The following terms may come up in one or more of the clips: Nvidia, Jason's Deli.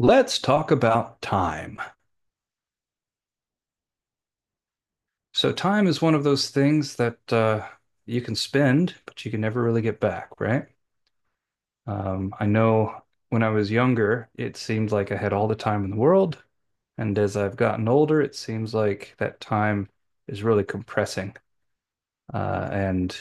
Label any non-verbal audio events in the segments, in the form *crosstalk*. Let's talk about time. So, time is one of those things that you can spend, but you can never really get back, right? I know when I was younger, it seemed like I had all the time in the world. And as I've gotten older, it seems like that time is really compressing. And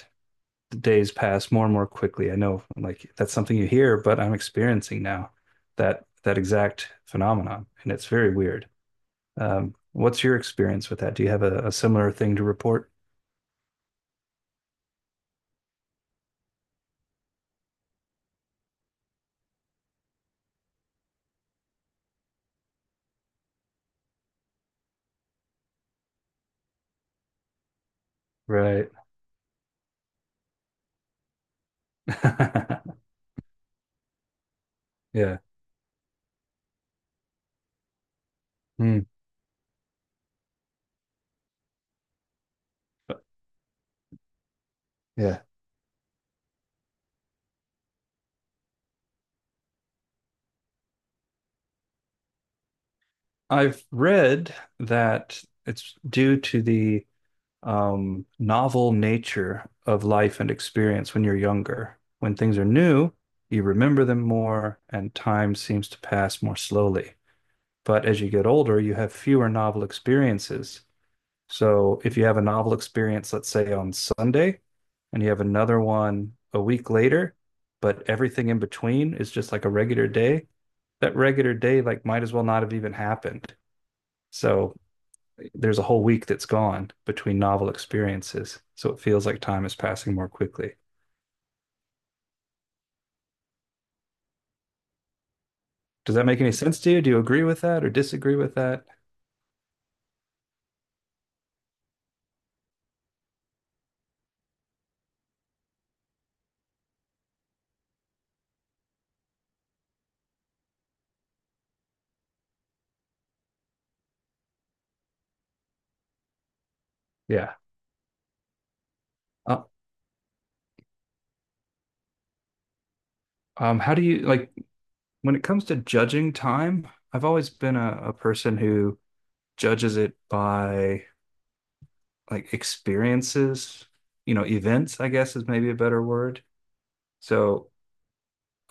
the days pass more and more quickly. I know like that's something you hear, but I'm experiencing now that exact phenomenon, and it's very weird. What's your experience with that? Do you have a similar thing to report? Right. *laughs* Yeah. Hmm. Yeah. I've read that it's due to the novel nature of life and experience when you're younger. When things are new, you remember them more, and time seems to pass more slowly. But as you get older, you have fewer novel experiences. So if you have a novel experience, let's say on Sunday, and you have another one a week later, but everything in between is just like a regular day, that regular day like might as well not have even happened. So there's a whole week that's gone between novel experiences. So it feels like time is passing more quickly. Does that make any sense to you? Do you agree with that or disagree with that? Yeah. Uh, how do you like when it comes to judging time? I've always been a person who judges it by like experiences, you know, events, I guess is maybe a better word. So,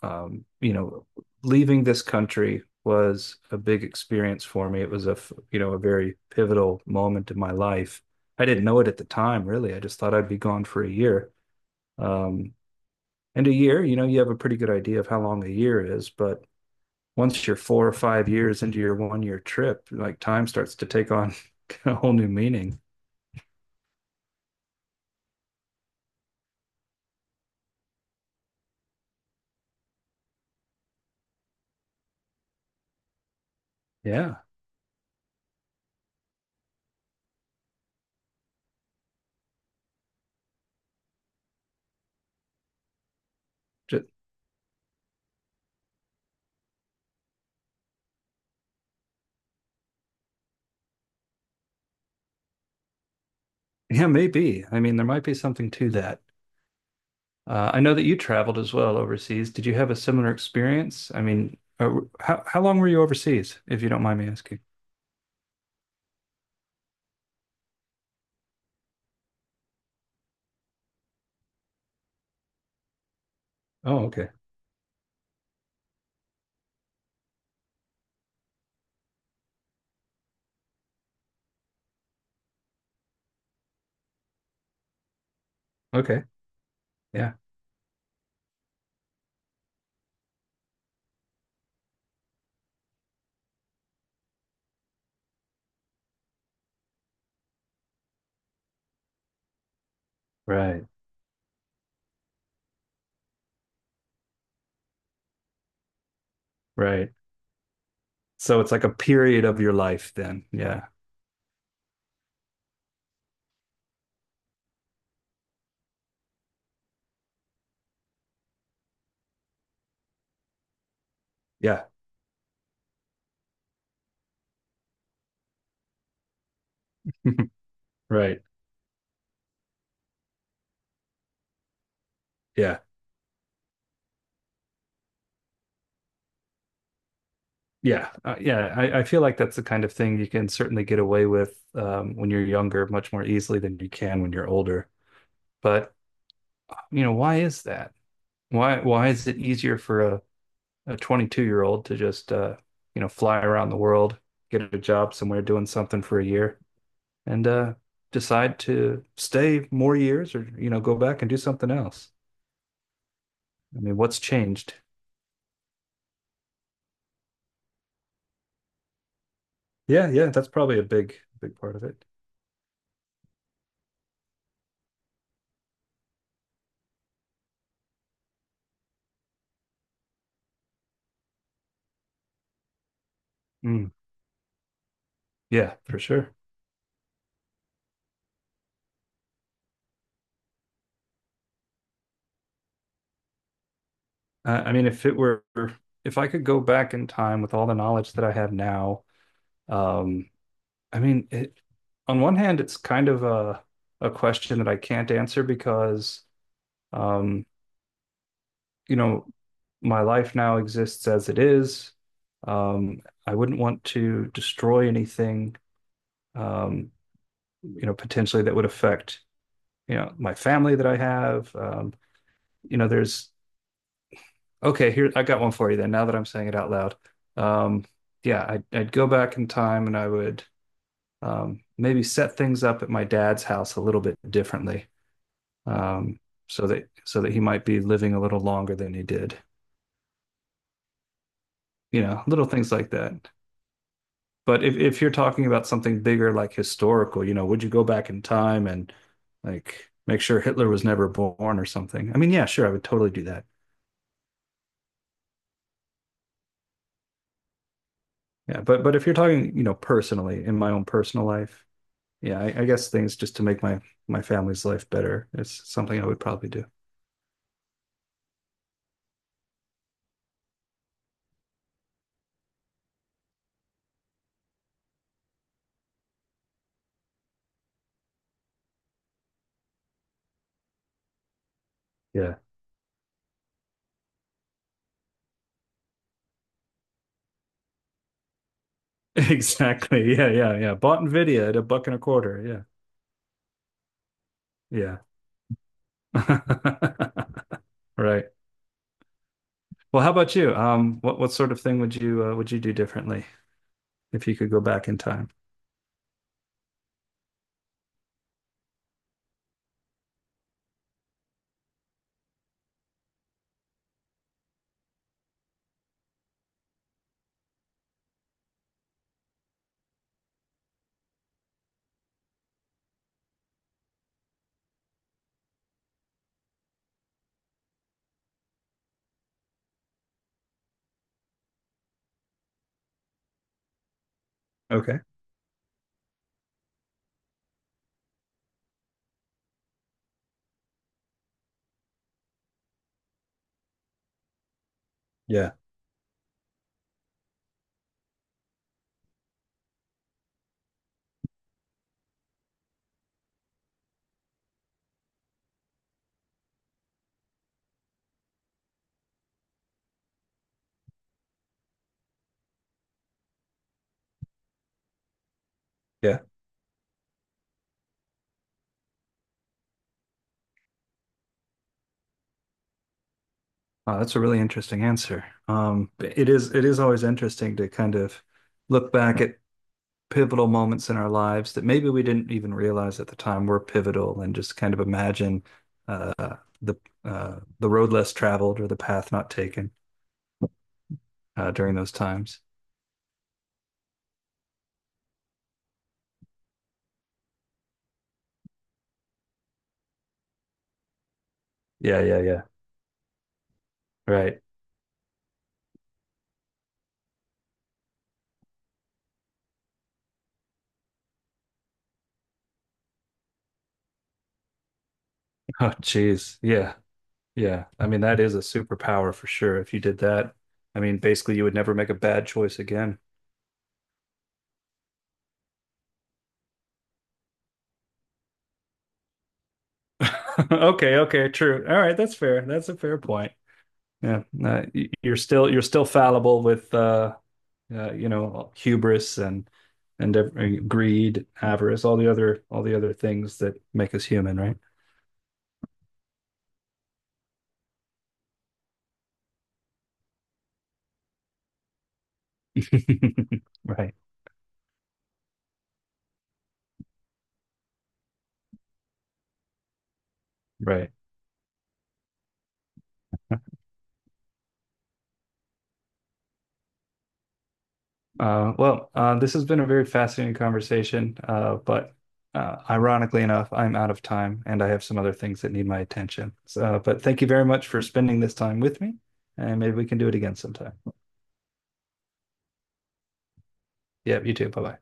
you know, leaving this country was a big experience for me. It was you know, a very pivotal moment in my life. I didn't know it at the time, really. I just thought I'd be gone for a year. Um, and a year, you know, you have a pretty good idea of how long a year is, but once you're 4 or 5 years into your 1 year trip, like time starts to take on *laughs* a whole new meaning. Yeah. Ju- Yeah, maybe. I mean, there might be something to that. I know that you traveled as well overseas. Did you have a similar experience? I mean, how long were you overseas, if you don't mind me asking? Oh, okay. Okay. Yeah. Right. Right. So it's like a period of your life then. Yeah. Yeah. *laughs* Right. Yeah. Yeah. Yeah. I feel like that's the kind of thing you can certainly get away with when you're younger much more easily than you can when you're older. But, you know, why is that? Why is it easier for a 22-year-old to just you know fly around the world, get a job somewhere doing something for a year, and decide to stay more years or you know go back and do something else. I mean, what's changed? Yeah, yeah, that's probably a big big part of it. Mm, yeah, for sure. I mean, if it were if I could go back in time with all the knowledge that I have now, um, I mean, on one hand, it's kind of a question that I can't answer because um, you know, my life now exists as it is. Um, I wouldn't want to destroy anything, um, you know, potentially that would affect, you know, my family that I have. You know, there's okay, here I got one for you then, now that I'm saying it out loud. Um, yeah, I'd go back in time and I would maybe set things up at my dad's house a little bit differently. Um, so that he might be living a little longer than he did. You know, little things like that. But if you're talking about something bigger, like historical, you know, would you go back in time and like make sure Hitler was never born or something? I mean, yeah, sure, I would totally do that. Yeah, but if you're talking, you know, personally in my own personal life, yeah, I guess things just to make my my family's life better is something I would probably do. Yeah, *laughs* exactly. Yeah, yeah, yeah. Bought Nvidia at a buck and a quarter. Yeah, yeah. *laughs* Right. Well, how about you? What sort of thing would you do differently if you could go back in time? Okay. Yeah, yeah. Wow, that's a really interesting answer. It is always interesting to kind of look back at pivotal moments in our lives that maybe we didn't even realize at the time were pivotal, and just kind of imagine uh, the the road less traveled or the path not taken during those times. Yeah, yeah, yeah. Right. Oh, geez. Yeah, yeah. I mean, that is a superpower for sure. If you did that, I mean, basically, you would never make a bad choice again. *laughs* Okay, okay, true. All right, that's fair. That's a fair point. Yeah, you're still fallible with you know hubris and and greed, avarice, all the other things that make us human, right? *laughs* Right, right. This has been a very fascinating conversation, but ironically enough, I'm out of time and I have some other things that need my attention. So, but thank you very much for spending this time with me, and maybe we can do it again sometime. Yeah, you too. Bye bye.